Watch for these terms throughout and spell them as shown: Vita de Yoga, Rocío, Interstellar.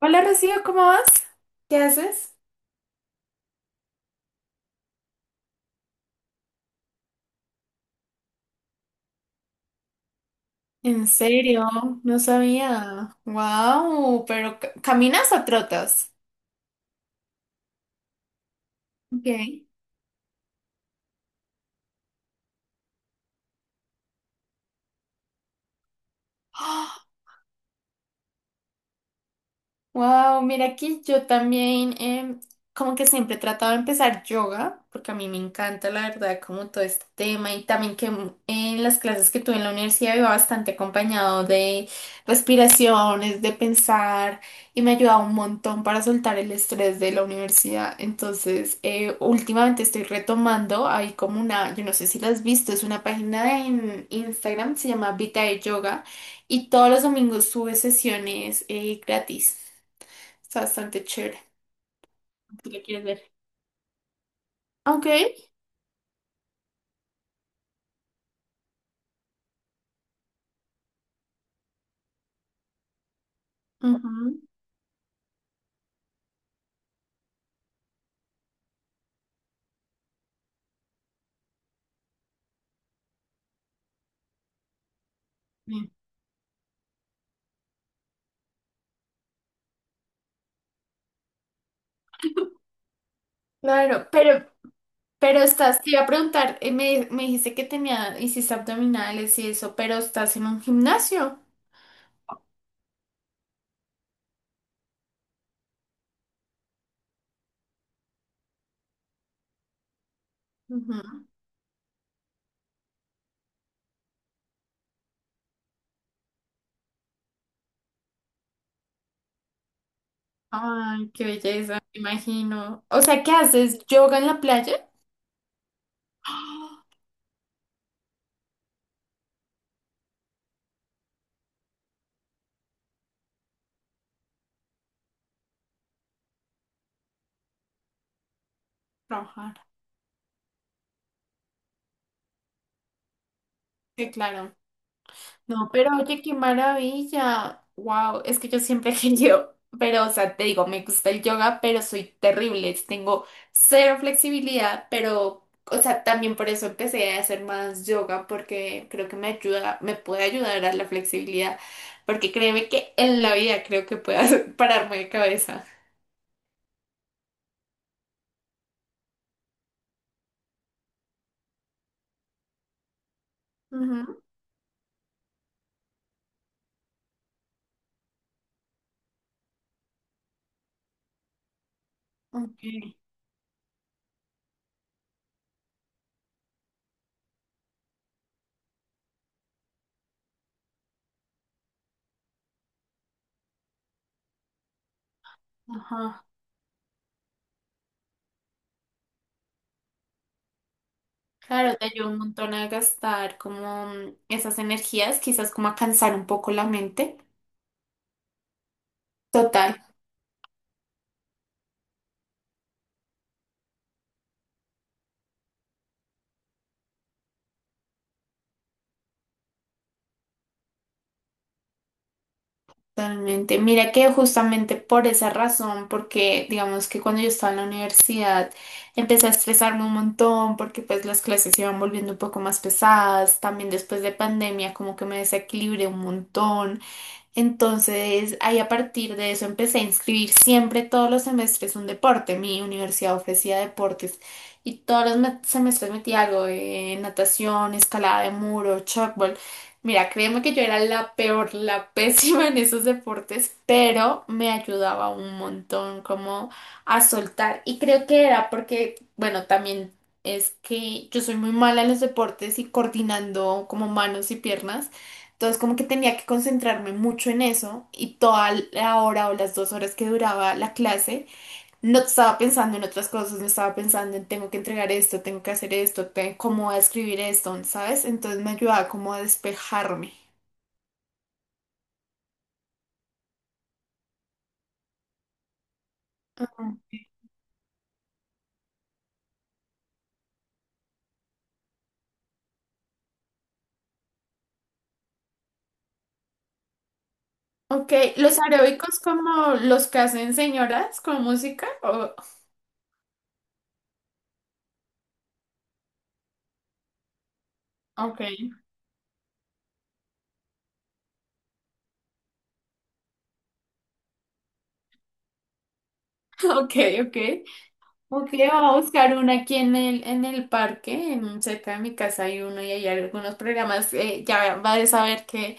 Hola Rocío, ¿cómo vas? ¿Qué haces? ¿En serio? No sabía. Wow, pero ¿caminas o trotas? Ok. Wow, mira que yo también como que siempre he tratado de empezar yoga, porque a mí me encanta la verdad como todo este tema y también que en las clases que tuve en la universidad iba bastante acompañado de respiraciones, de pensar y me ha ayudado un montón para soltar el estrés de la universidad. Entonces, últimamente estoy retomando, hay como una, yo no sé si la has visto, es una página en Instagram, se llama Vita de Yoga y todos los domingos sube sesiones gratis. Está bastante chévere. Si lo quieres ver. Ok. Ujú. Sí. Claro, pero estás, te iba a preguntar, me dijiste que tenía, hiciste abdominales y eso, pero estás en un gimnasio. Ujú. Ay, qué belleza, me imagino. O sea, ¿qué haces? ¿Yoga en la playa? ¡Ah! Trabajar. Sí, claro. No, pero oye, qué maravilla. Wow, es que yo siempre he querido, pero o sea, te digo, me gusta el yoga, pero soy terrible. Tengo cero flexibilidad, pero o sea, también por eso empecé a hacer más yoga porque creo que me ayuda, me puede ayudar a la flexibilidad, porque créeme que en la vida creo que puedo pararme de cabeza. Ujú, ok. Ajá. Claro, te ayuda un montón a gastar como esas energías, quizás como a cansar un poco la mente. Total. Totalmente. Mira que justamente por esa razón, porque digamos que cuando yo estaba en la universidad empecé a estresarme un montón porque pues las clases se iban volviendo un poco más pesadas, también después de pandemia como que me desequilibré un montón. Entonces, ahí a partir de eso empecé a inscribir siempre todos los semestres un deporte. Mi universidad ofrecía deportes y todos los semestres metía algo de natación, escalada de muro, shotball. Mira, créeme que yo era la peor, la pésima en esos deportes, pero me ayudaba un montón como a soltar. Y creo que era porque, bueno, también es que yo soy muy mala en los deportes y coordinando como manos y piernas. Entonces como que tenía que concentrarme mucho en eso y toda la hora o las dos horas que duraba la clase no estaba pensando en otras cosas, no estaba pensando en tengo que entregar esto, tengo que hacer esto, cómo voy a escribir esto, ¿sabes? Entonces me ayudaba como a despejarme. Ok, los aeróbicos como los que hacen señoras con música. Ok, ok, ok. Ok, voy a buscar una aquí en el parque, cerca de mi casa hay uno y hay algunos programas. Ya vas a saber que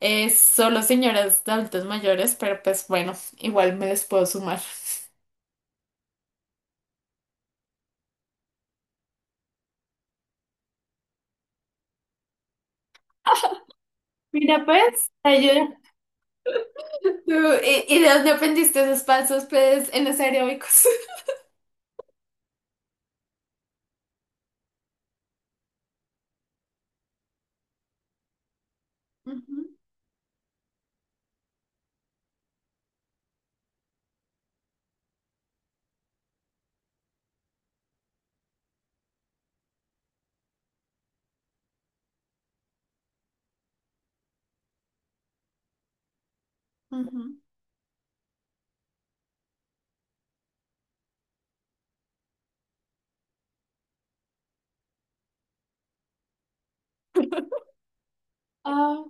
es solo señoras de adultos mayores, pero pues bueno, igual me les puedo sumar. Mira, pues, te ayuda. ¿Tú, y de dónde aprendiste esos pasos, pues, en los aeróbicos? Ujú, ujú. Ah,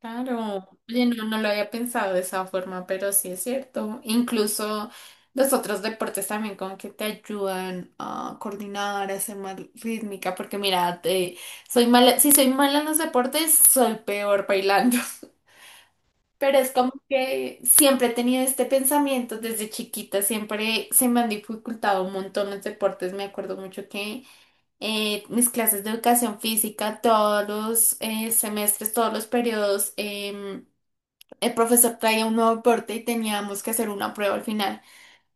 claro. Oye, no, no lo había pensado de esa forma, pero sí es cierto. Incluso los otros deportes también como que te ayudan a coordinar, a ser más rítmica, porque mira, soy mala, si soy mala en los deportes, soy peor bailando. Pero es como que siempre he tenido este pensamiento desde chiquita, siempre se me han dificultado un montón los deportes. Me acuerdo mucho que mis clases de educación física, todos los semestres, todos los periodos, el profesor traía un nuevo deporte y teníamos que hacer una prueba al final.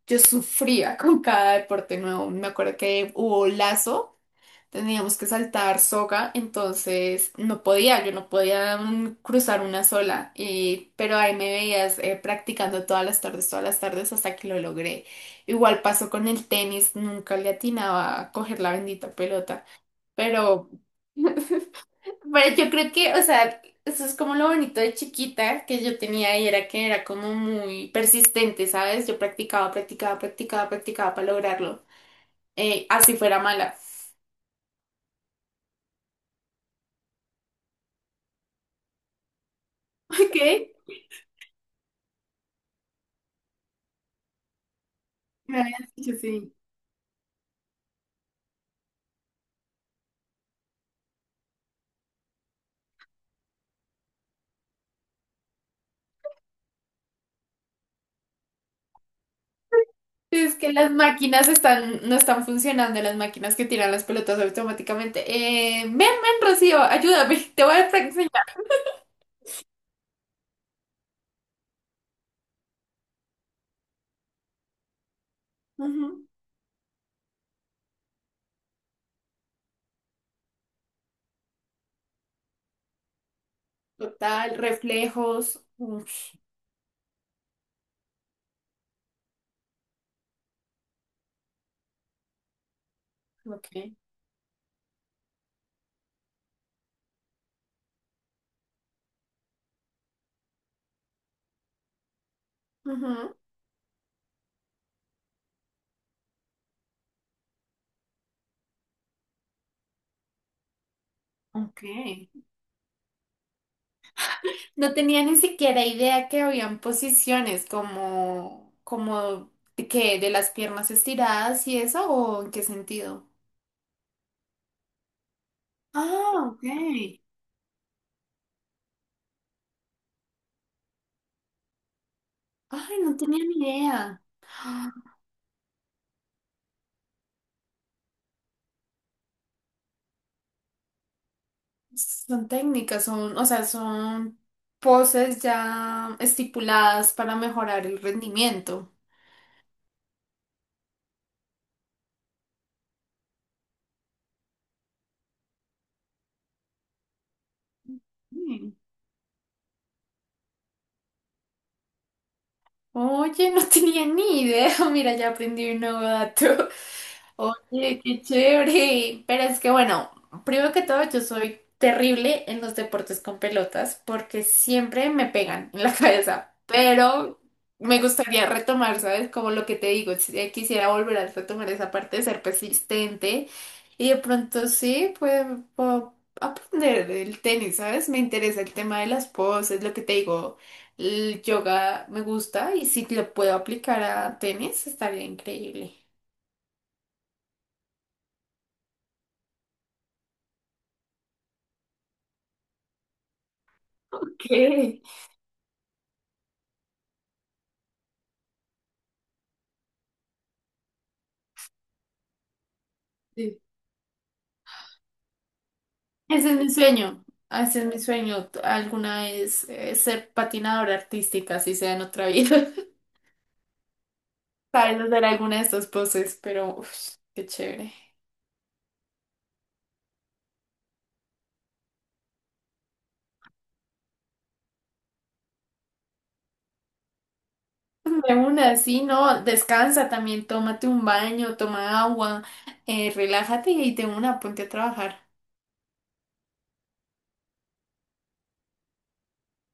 Yo sufría con cada deporte nuevo. Me acuerdo que hubo lazo. Teníamos que saltar soga, entonces no podía, yo no podía cruzar una sola, y, pero ahí me veías practicando todas las tardes hasta que lo logré. Igual pasó con el tenis, nunca le atinaba a coger la bendita pelota, pero, pero yo creo que, o sea, eso es como lo bonito de chiquita que yo tenía y era que era como muy persistente, ¿sabes? Yo practicaba, practicaba, practicaba, practicaba para lograrlo, así fuera mala. ¿Ok? Me habías dicho, sí. Es que las máquinas están, no están funcionando, las máquinas que tiran las pelotas automáticamente. Ven, ven, Rocío, ayúdame, te voy a enseñar. Ujú. Total, reflejos. Uf, ok. Ujú, ok. No tenía ni siquiera idea que habían posiciones como, como de que de las piernas estiradas y eso, o en qué sentido. Ah, ok. Ay, no tenía ni idea. Son técnicas, son, o sea, son poses ya estipuladas para mejorar el rendimiento. Oye, no tenía ni idea. Mira, ya aprendí un nuevo dato. Oye, qué chévere. Pero es que bueno, primero que todo, yo soy terrible en los deportes con pelotas porque siempre me pegan en la cabeza. Pero me gustaría retomar, ¿sabes? Como lo que te digo, quisiera volver a retomar esa parte de ser persistente y de pronto sí, pues puedo aprender el tenis, ¿sabes? Me interesa el tema de las poses, lo que te digo. El yoga me gusta y si lo puedo aplicar a tenis estaría increíble. Ok. Sí. Ese es mi sueño, ese es mi sueño. Alguna vez ser patinadora artística, si sea en otra vida. Sabes hacer alguna de estas poses, pero uf, qué chévere. De una, sí, no, descansa también, tómate un baño, toma agua, relájate y de una, ponte a trabajar.